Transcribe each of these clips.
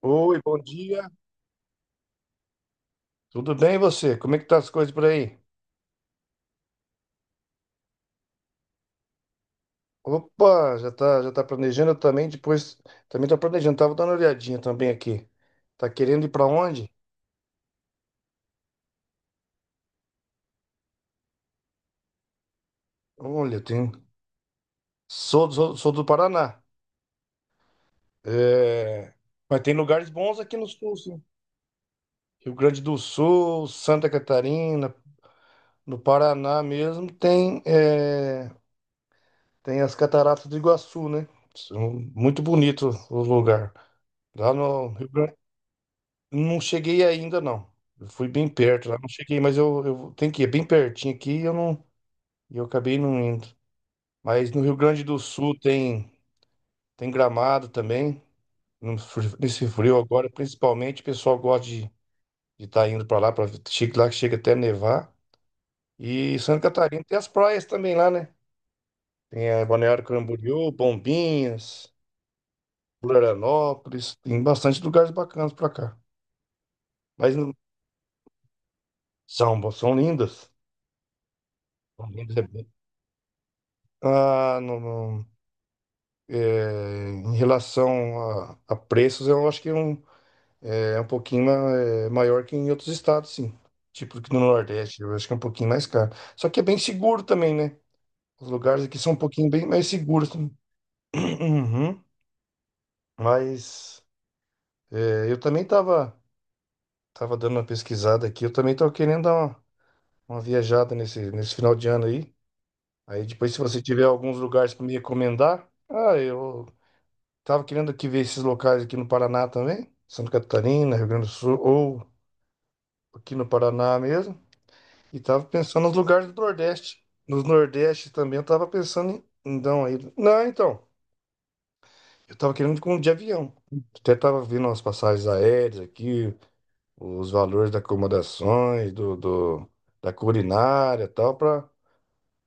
Oi, bom dia. Tudo bem e você? Como é que tá as coisas por aí? Opa, já tá planejando também, depois também tô planejando, tava dando uma olhadinha também aqui. Tá querendo ir pra onde? Olha, sou do Paraná. É, mas tem lugares bons aqui no sul, sim. Rio Grande do Sul, Santa Catarina, no Paraná mesmo tem as Cataratas do Iguaçu, né? São muito bonito o lugar. Lá no Rio Grande Não cheguei ainda, não. Eu fui bem perto lá, não cheguei, mas eu tenho que ir é bem pertinho aqui e eu não, e eu acabei não indo. Mas no Rio Grande do Sul tem, tem Gramado também, no fri- nesse frio agora, principalmente, o pessoal gosta de estar indo para lá, para chega lá que chega até nevar. E Santa Catarina tem as praias também lá, né? Tem a Balneário Camboriú, Bombinhas, Florianópolis, tem bastante lugares bacanas para cá. Mas não- são lindas. São lindas, ah, não, não. É, em relação a preços, eu acho que é um pouquinho maior que em outros estados, sim. Tipo que no Nordeste, eu acho que é um pouquinho mais caro. Só que é bem seguro também, né? Os lugares aqui são um pouquinho bem mais seguros também. Uhum. Mas eu também tava, tava dando uma pesquisada aqui, eu também tava querendo dar uma viajada nesse final de ano aí. Aí depois, se você tiver alguns lugares para me recomendar, ah, eu tava querendo aqui ver esses locais aqui no Paraná também, Santa Catarina, Rio Grande do Sul, ou aqui no Paraná mesmo. E tava pensando nos lugares do Nordeste. Nos Nordeste também eu tava pensando em. Então, aí. Não, então. Eu tava querendo com de avião. Até tava vendo as passagens aéreas aqui, os valores das acomodações, da culinária e tal, pra,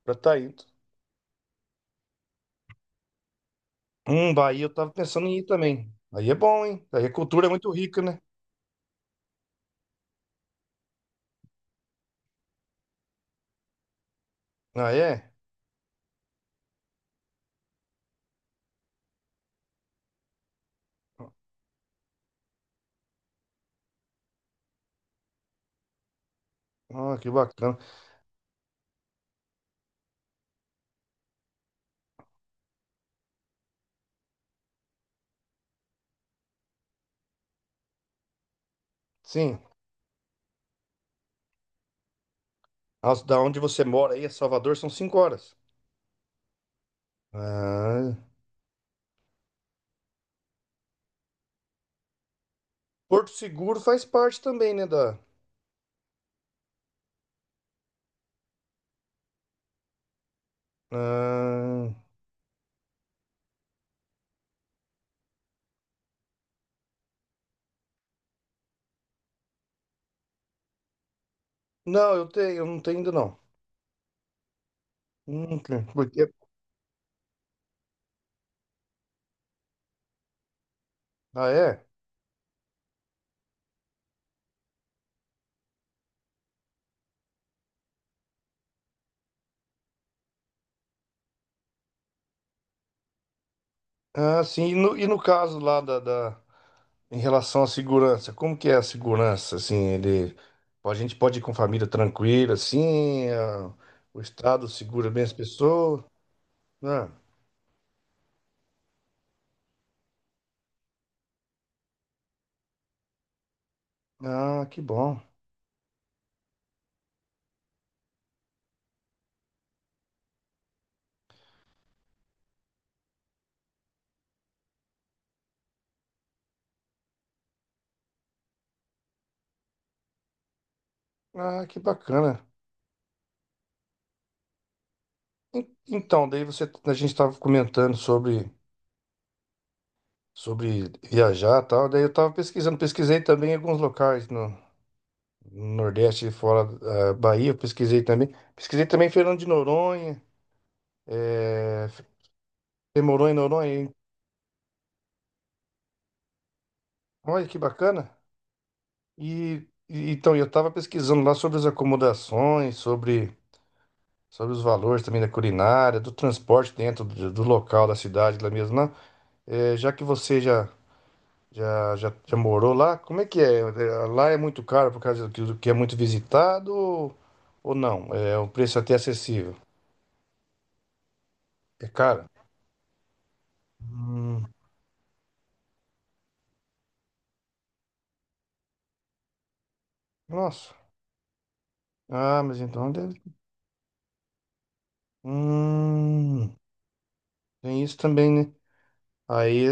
pra tá indo. Bahia eu tava pensando em ir também. Aí é bom, hein? Aí a cultura é muito rica, né? Ah, é? Ah, que bacana. Sim. Da onde você mora aí, a Salvador, são 5 horas. Ah. Porto Seguro faz parte também, né, da. Ah, não, eu não tenho ainda não. Nunca, porque. Ah, é? Ah, sim, e no caso lá em relação à segurança, como que é a segurança, assim, ele. A gente pode ir com família tranquila, assim, ah, o Estado segura bem as pessoas. Ah, ah, que bom. Ah, que bacana. Então, daí você, a gente estava comentando sobre sobre viajar e tal. Daí eu tava pesquisando, pesquisei também alguns locais no Nordeste, fora da Bahia, eu pesquisei também. Pesquisei também Fernando de Noronha, é, tem Moronha, Noronha, hein? Olha que bacana. Então eu tava pesquisando lá sobre as acomodações, sobre os valores também da culinária, do transporte dentro do local da cidade lá mesmo, lá. É, já que você já morou lá? Como é que é? Lá é muito caro por causa do que é muito visitado ou não? É um preço até acessível. É caro? Hum, nossa. Ah, mas então deve. Hum, tem isso também, né? Aí,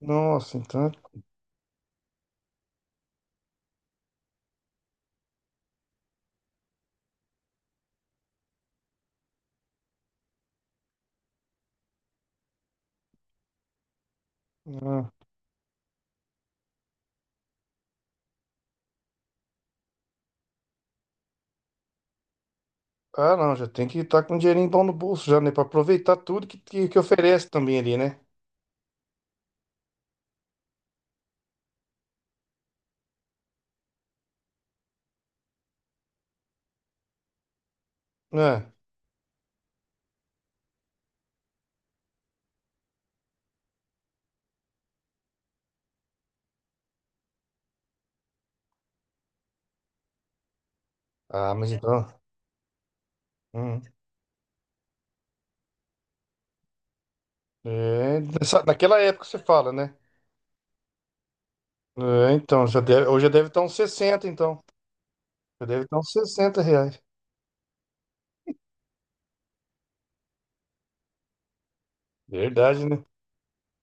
nossa, então. Ah, ah, não, já tem que estar com um dinheirinho bom no bolso já, né? Pra aproveitar tudo que oferece também ali, né? Né? Ah, mas então. Hum. É, naquela época você fala, né? É, então, já deve, hoje já deve estar uns 60 então. Já deve estar uns R$ 60. Verdade, né?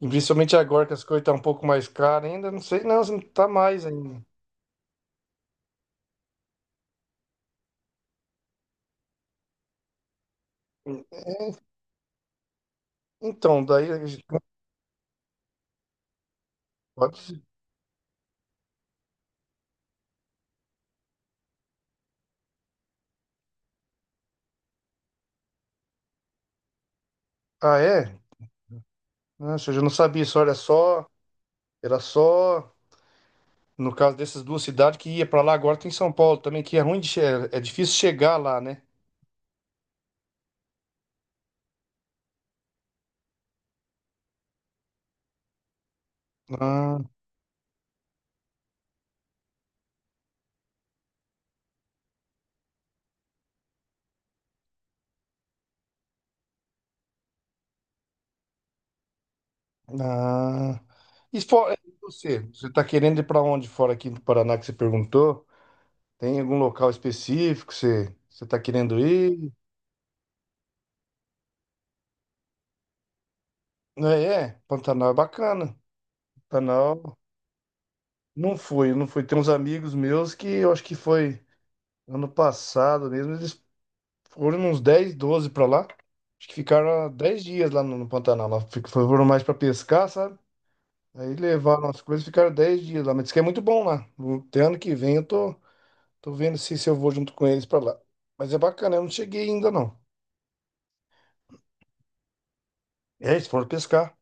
E principalmente agora que as coisas estão um pouco mais caras ainda, não sei, não, se não tá mais ainda. Então, daí, a gente pode. Ah, é? Nossa, eu já não sabia isso, olha só. Era só. No caso dessas duas cidades que ia pra lá, agora tem São Paulo também, que é ruim de. É difícil chegar lá, né? Ah, ah. E fora, e Você tá querendo ir pra onde fora aqui do Paraná que você perguntou? Tem algum local específico que você tá querendo ir? É, é, Pantanal é bacana. Pantanal não fui, não fui. Tem uns amigos meus que eu acho que foi ano passado mesmo, eles foram uns 10, 12 pra lá. Acho que ficaram 10 dias lá no Pantanal. Lá foram mais pra pescar, sabe? Aí levaram as coisas, e ficaram 10 dias lá. Mas diz que é muito bom lá. Até ano que vem eu tô vendo se eu vou junto com eles pra lá. Mas é bacana, eu não cheguei ainda não. É, eles foram pescar.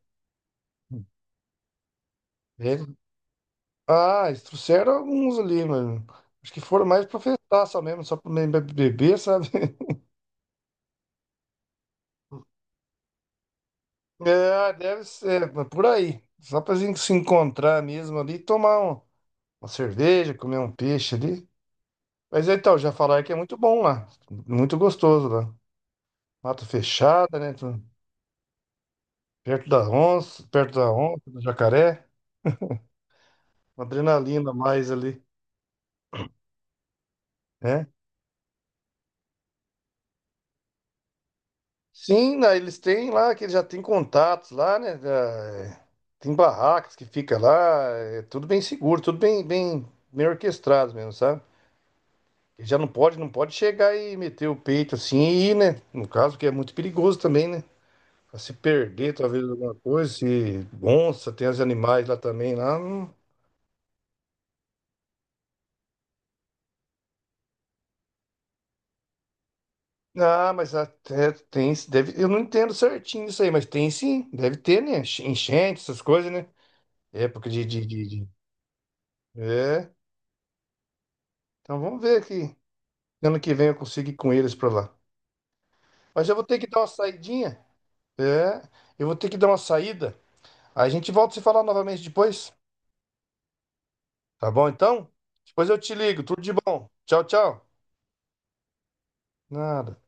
É, ah, eles trouxeram alguns ali, mano. Acho que foram mais pra festar só mesmo, só pra beber, sabe? É, deve ser, mas por aí. Só pra gente se encontrar mesmo ali, tomar uma cerveja, comer um peixe ali. Mas então, já falaram que é muito bom lá. Muito gostoso lá. Mata fechada, né? Perto da onça, do jacaré. Uma adrenalina a mais ali, né? Sim, né, eles têm lá, que eles já têm contatos lá, né? Já, é, tem barracas que fica lá, é tudo bem seguro, tudo bem, bem, bem orquestrado mesmo, sabe? E já não pode, não pode chegar e meter o peito assim e ir, né? No caso, que é muito perigoso também, né? Pra se perder, talvez, alguma coisa, se onça, tem os animais lá também, lá. Não- Ah, mas até tem, deve, eu não entendo certinho isso aí, mas tem sim, deve ter, né? Enchente, essas coisas, né? Época de. É, então vamos ver aqui. Ano que vem eu consigo ir com eles pra lá. Mas eu vou ter que dar uma saidinha. É, eu vou ter que dar uma saída. Aí a gente volta a se falar novamente depois. Tá bom, então? Depois eu te ligo. Tudo de bom. Tchau, tchau. Nada.